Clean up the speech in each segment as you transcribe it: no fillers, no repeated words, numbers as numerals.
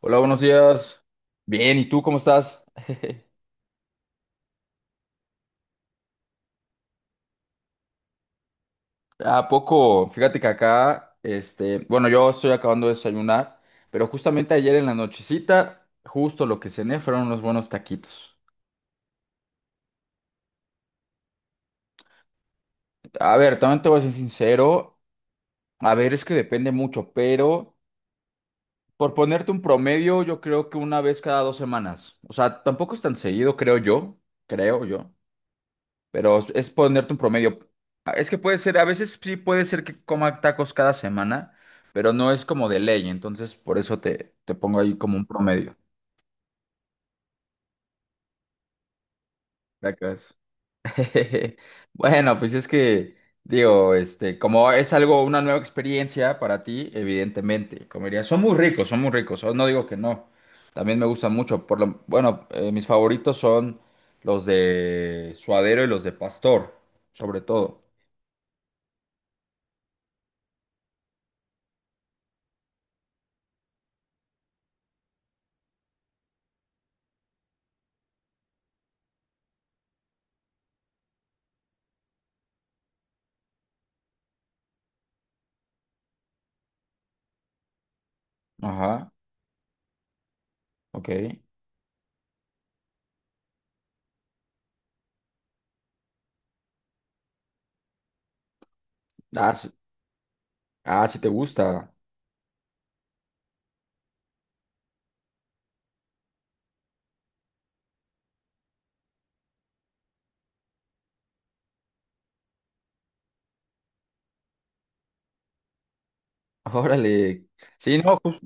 Hola, buenos días. Bien, ¿y tú cómo estás? ¿A poco? Fíjate que acá, bueno, yo estoy acabando de desayunar, pero justamente ayer en la nochecita, justo lo que cené fueron unos buenos taquitos. A ver, también te voy a ser sincero, a ver, es que depende mucho, pero por ponerte un promedio, yo creo que una vez cada dos semanas. O sea, tampoco es tan seguido, creo yo, creo yo. Pero es ponerte un promedio. Ah, es que puede ser, a veces sí puede ser que coma tacos cada semana, pero no es como de ley, entonces por eso te pongo ahí como un promedio. Cacas. Bueno, pues digo, como es algo, una nueva experiencia para ti, evidentemente, comería. Son muy ricos, oh, no digo que no. También me gustan mucho, por lo, bueno, mis favoritos son los de suadero y los de pastor, sobre todo. Ajá, ok. Ah, sí, ah, si te gusta. Órale. Sí, no,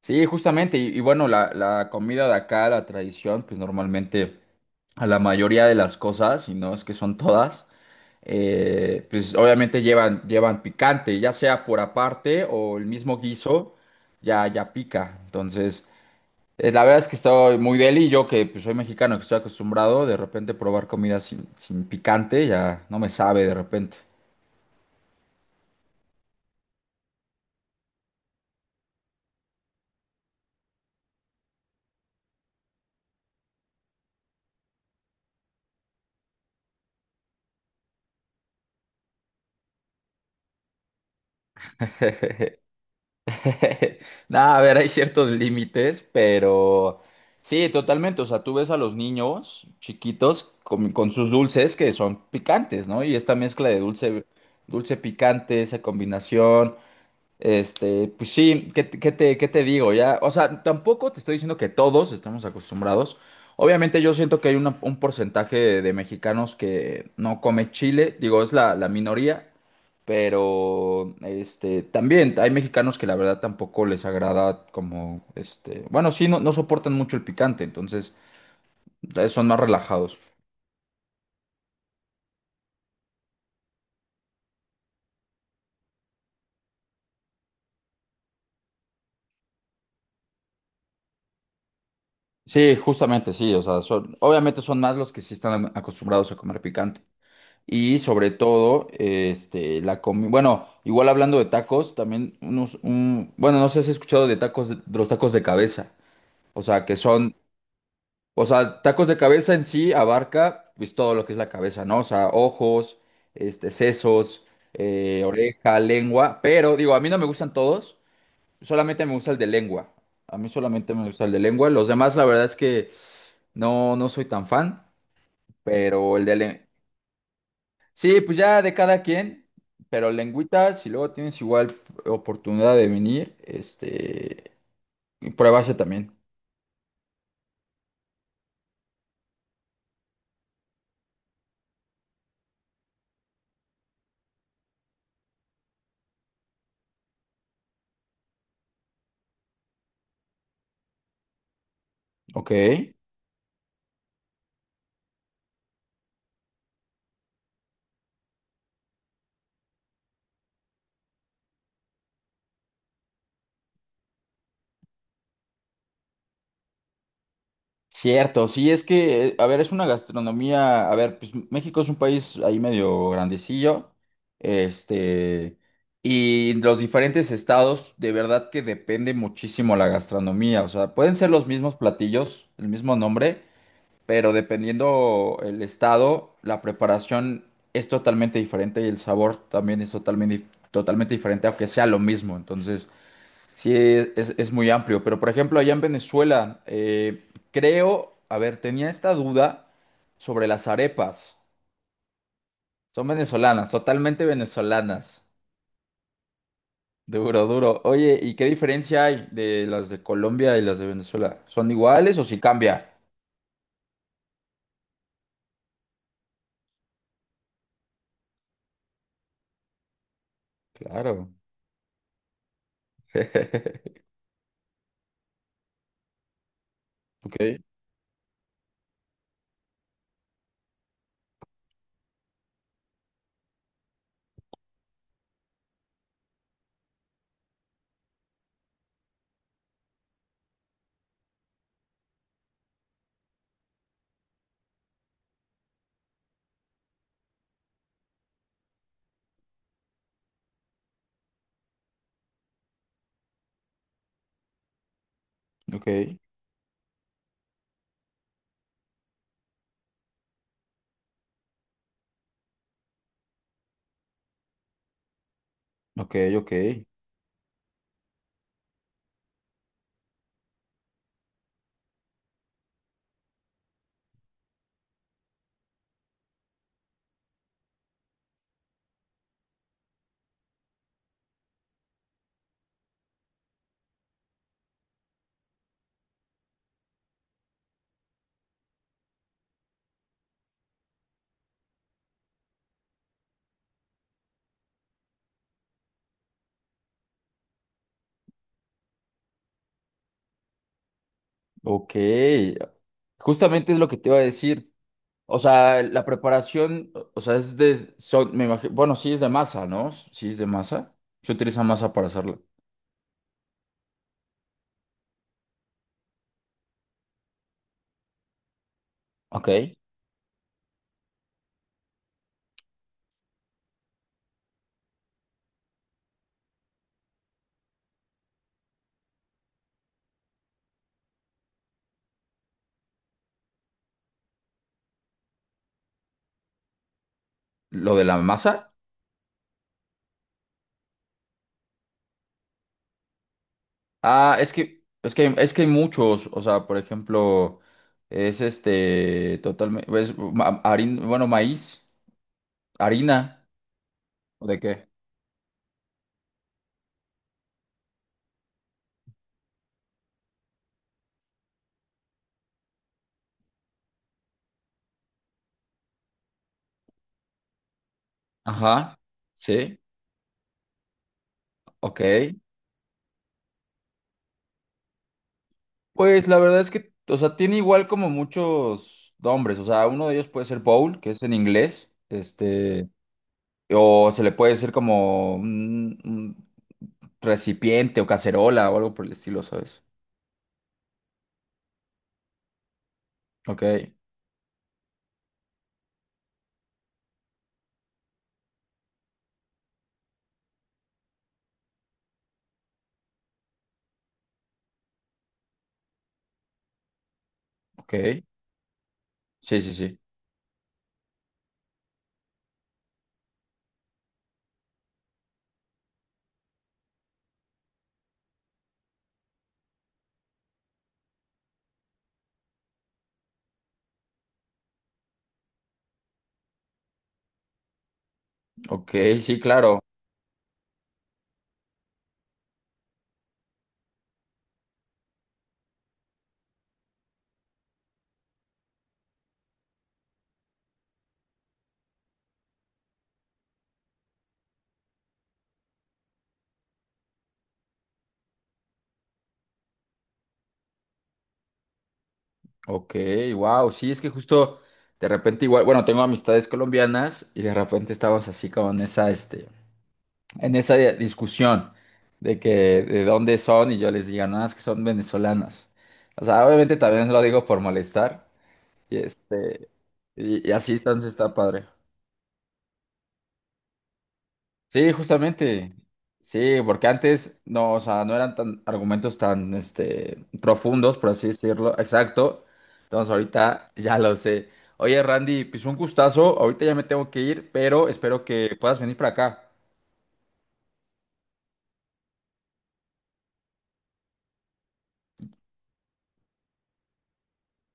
sí, justamente. Y bueno, la comida de acá, la tradición, pues normalmente a la mayoría de las cosas, y no es que son todas, pues obviamente llevan picante, ya sea por aparte o el mismo guiso, ya pica. Entonces, la verdad es que estoy muy deli, yo que pues, soy mexicano, que estoy acostumbrado de repente probar comida sin picante, ya no me sabe de repente. Nada, a ver, hay ciertos límites, pero sí, totalmente. O sea, tú ves a los niños chiquitos con sus dulces que son picantes, ¿no? Y esta mezcla de dulce, dulce picante, esa combinación. Este, pues sí, ¿qué, te, qué te qué te digo? Ya, o sea, tampoco te estoy diciendo que todos estamos acostumbrados. Obviamente yo siento que hay un porcentaje de mexicanos que no come chile, digo, es la minoría, pero este, también hay mexicanos que la verdad tampoco les agrada como, este, bueno, sí, no soportan mucho el picante, entonces son más relajados. Sí, justamente sí, o sea, son, obviamente son más los que sí están acostumbrados a comer picante. Y sobre todo, este, la comida. Bueno, igual hablando de tacos, también bueno, no sé si has escuchado de tacos, de los tacos de cabeza. O sea, que son, o sea, tacos de cabeza en sí abarca, pues, todo lo que es la cabeza, ¿no? O sea, ojos, este, sesos, oreja, lengua. Pero, digo, a mí no me gustan todos, solamente me gusta el de lengua. A mí solamente me gusta el de lengua. Los demás, la verdad es que no soy tan fan, pero el de lengua. Sí, pues ya de cada quien, pero lengüita, si luego tienes igual oportunidad de venir, este, pruébase también. Ok. Cierto, sí, es que, a ver, es una gastronomía, a ver, pues México es un país ahí medio grandecillo, este, y los diferentes estados, de verdad que depende muchísimo la gastronomía, o sea, pueden ser los mismos platillos, el mismo nombre, pero dependiendo el estado, la preparación es totalmente diferente y el sabor también es totalmente, totalmente diferente, aunque sea lo mismo. Entonces, sí, es muy amplio. Pero, por ejemplo, allá en Venezuela, creo, a ver, tenía esta duda sobre las arepas. Son venezolanas, totalmente venezolanas. Duro, duro. Oye, ¿y qué diferencia hay de las de Colombia y las de Venezuela? ¿Son iguales o si cambia? Claro. Ok, ok, ok, ok. Ok, justamente es lo que te iba a decir. O sea, la preparación, o sea, me imagino, bueno, sí es de masa, ¿no? Sí es de masa. Se utiliza masa para hacerlo. Ok. ¿Lo de la masa? Ah, es que hay muchos. O sea, por ejemplo, es este, totalmente, bueno, maíz, harina, ¿o de qué? Ajá, sí, ok. Pues la verdad es que, o sea, tiene igual como muchos nombres, o sea, uno de ellos puede ser bowl, que es en inglés, este, o se le puede decir como un recipiente o cacerola o algo por el estilo, ¿sabes? Ok, ok, sí, sí, sí, ok, sí, claro, ok, wow, sí, es que justo de repente igual, bueno, tengo amistades colombianas y de repente estabas así como en esa, este, en discusión de que de dónde son y yo les diga, no, es que son venezolanas. O sea, obviamente también lo digo por molestar y este y así entonces está padre. Sí, justamente. Sí, porque antes no, o sea, no eran tan argumentos tan este profundos, por así decirlo. Exacto. Entonces ahorita ya lo sé. Oye, Randy, pues un gustazo. Ahorita ya me tengo que ir, pero espero que puedas venir para acá.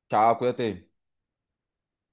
Chao, cuídate.